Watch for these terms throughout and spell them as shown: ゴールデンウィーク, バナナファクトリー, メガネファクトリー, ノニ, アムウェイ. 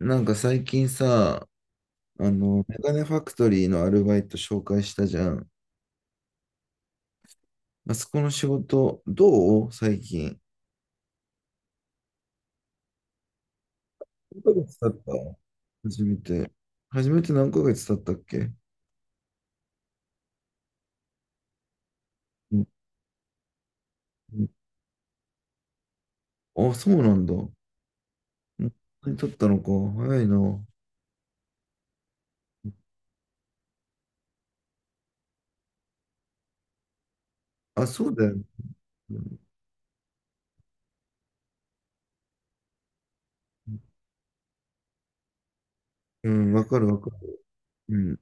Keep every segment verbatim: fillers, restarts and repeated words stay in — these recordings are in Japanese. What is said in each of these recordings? なんか最近さ、あの、メガネファクトリーのアルバイト紹介したじゃん。あそこの仕事、どう最近。何ヶ月経った初めて。初めて何ヶ月経ったっけ。うん、うん。あ、そうなんだ。もうそんなに経ったのか。早いな。あ、そうだよね。うん、わかるわかる。うん。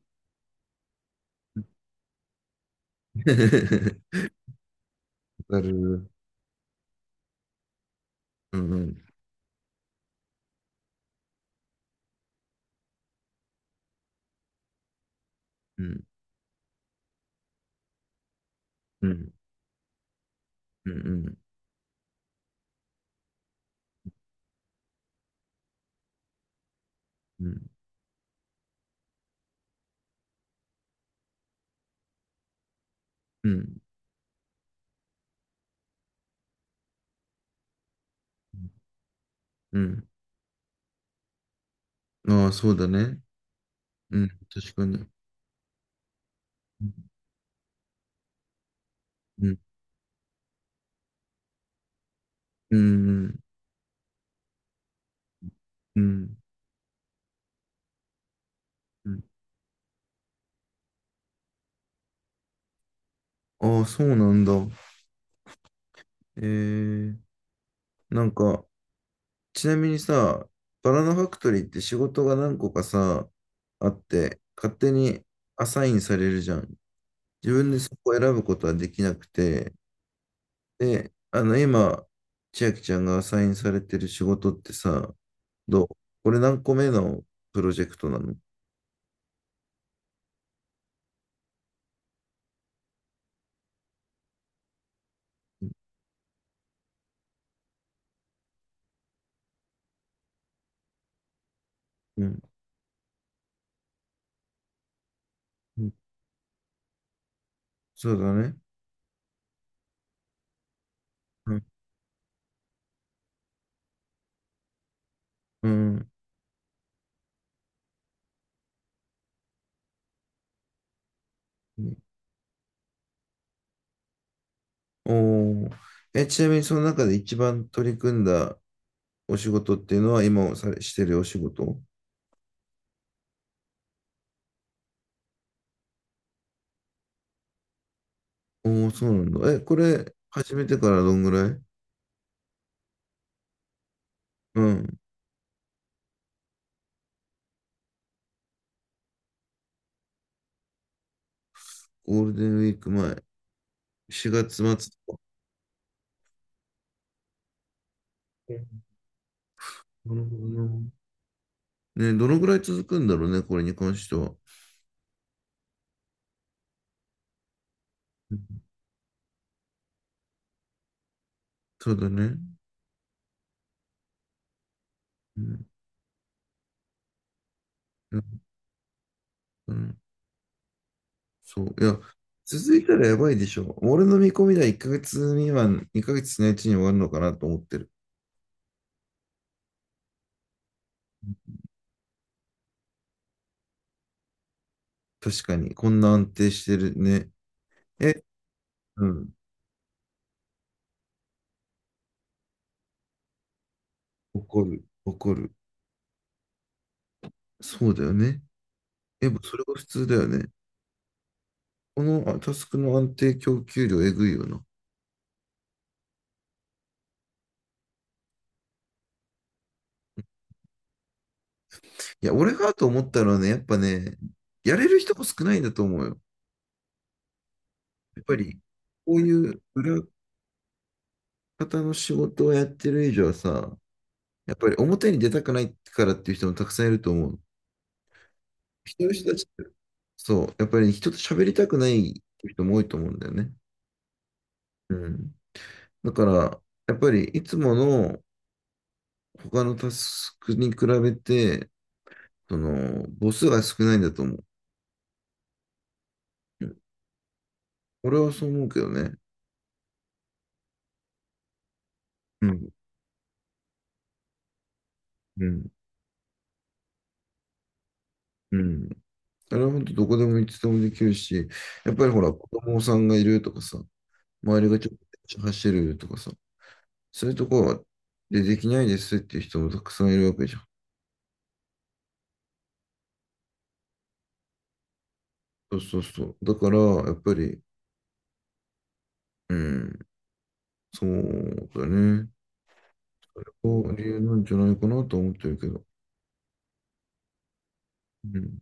わかる。うん。うん。うん。うん。うん。うん。うん。うん。ああ、そうだね。うん、確かに。うん、うん、うん、うん。ああ、そうなんだ。えー、なんか、ちなみにさ、バナナファクトリーって仕事が何個かさ、あって、勝手にアサインされるじゃん。自分でそこを選ぶことはできなくて、で、あの、今、千秋ちゃんがアサインされてる仕事ってさ、どう、これ何個目のプロジェクトなの？うん、うん、そうだね。うん、うん。おー。え、ちなみにその中で一番取り組んだお仕事っていうのは今され、してるお仕事お。おー、そうなんだ。え、これ始めてからどんぐらい。うん。ゴールデンウィーク前。しがつ末とか。うん。なるほどな。ね、どのぐらい続くんだろうね、これに関しては。うん、そうだね。うん。うん。そう。いや、続いたらやばいでしょ。俺の見込みではいっかげつ未満、にかげつのうちに終わるのかなと思ってる。確かに。こんな安定してるね。え、うん。怒る、怒る。そうだよね。やっぱそれが普通だよね。このあタスクの安定供給量えぐいよな。いや、俺がと思ったのはね、やっぱね、やれる人も少ないんだと思うよ。やっぱり、こういう裏方の仕事をやってる以上はさ、やっぱり表に出たくないからっていう人もたくさんいると思う。人の人たちって、そう、やっぱり人と喋りたくないっていう人も多いと思うんだよね。うん。だから、やっぱりいつもの他のタスクに比べて、その、母数が少ないんだと思う。俺はそう思うけどね。うん、うん、うん。あれは本当どこでもいつでもできるし、やっぱりほら、子供さんがいるとかさ、周りがちょっと走るとかさ、そういうところはでできないですっていう人もたくさんいるわけじゃん。そうそうそう。だから、やっぱり、うん、そうだね。それが理由なんじゃないかなと思ってるけど。うん、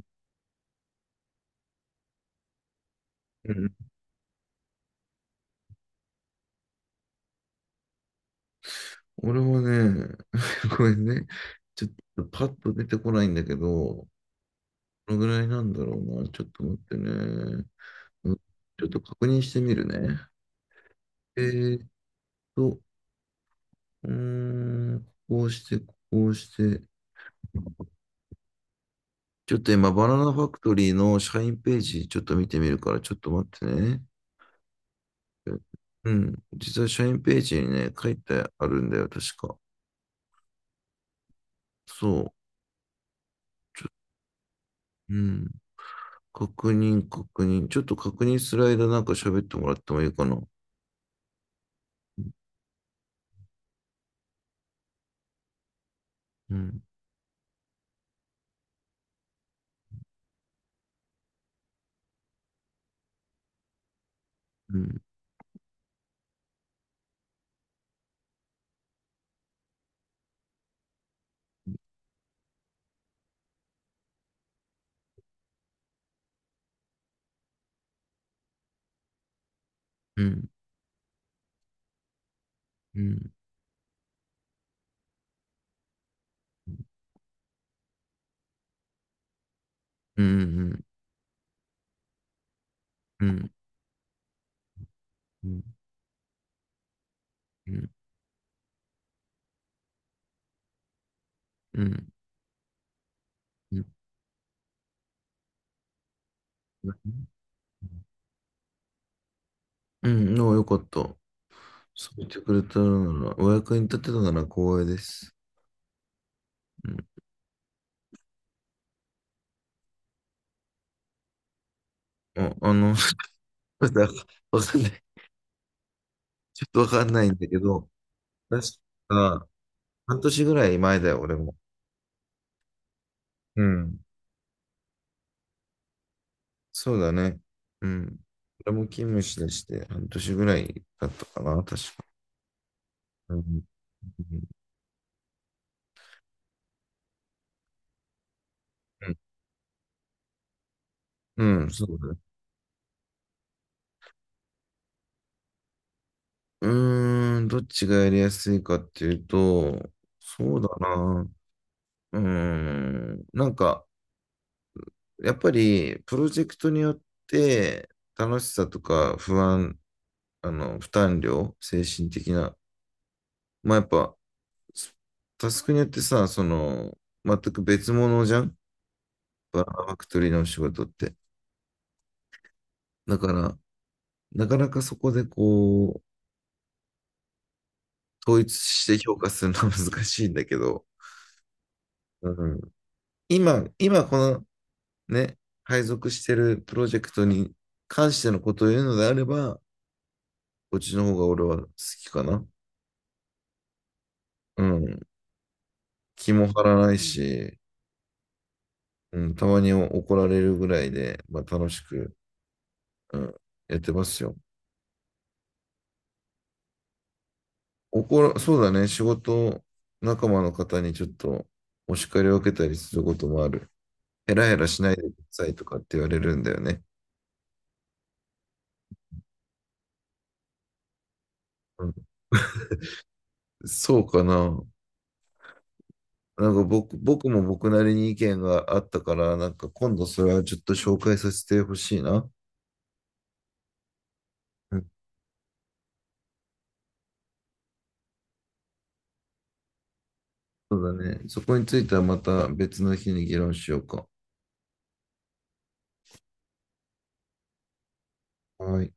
うん。俺はね、ごめんね。ちょっとパッと出てこないんだけど、このぐらいなんだろうな。ちょっと待ってね。うん。ちょっと確認してみるね。えーっと、うーん、こうして、こうして。ちょっと今、バナナファクトリーの社員ページ、ちょっと見てみるから、ちょっと待ってね。うん。実は社員ページにね、書いてあるんだよ、確か。そう。うん。確認、確認。ちょっと確認する間、なんか喋ってもらってもいいかな。うん。うん。うん。うん。うん。うん。うん。うん。うん。うん。うん、うん。でもよかった。そう言ってくれたなら、お役に立てたなら光栄です。うん。あ、あの、ちょっとわかんない。ちょっとわかんないんだけど、確か、半年ぐらい前だよ、俺も。うん。そうだね。うん。俺も勤務しだして半年ぐらいだったかな、確か。うん。うん、うん、そうだね。うーん、どっちがやりやすいかっていうと、そうだな。うーん、なんか、やっぱりプロジェクトによって楽しさとか不安、あの、負担量、精神的な、まあやっぱ、タスクによってさ、その、全く別物じゃんバナナファクトリーのお仕事って。だから、なかなかそこでこう、統一して評価するのは難しいんだけど、うん、今、今このね、配属してるプロジェクトに関してのことを言うのであれば、こっちの方が俺は好きかな。うん。気も張らないし、うん、たまに怒られるぐらいで、まあ、楽しく、うん、やってますよ。怒ら、そうだね、仕事仲間の方にちょっとお叱りを受けたりすることもある。ヘラヘラしないでくださいとかって言われるんだよね。うん、そうかな。なんか僕、僕も僕なりに意見があったから、なんか今度それはちょっと紹介させてほしいな。うん、そうだね。そこについてはまた別の日に議論しようか。はい。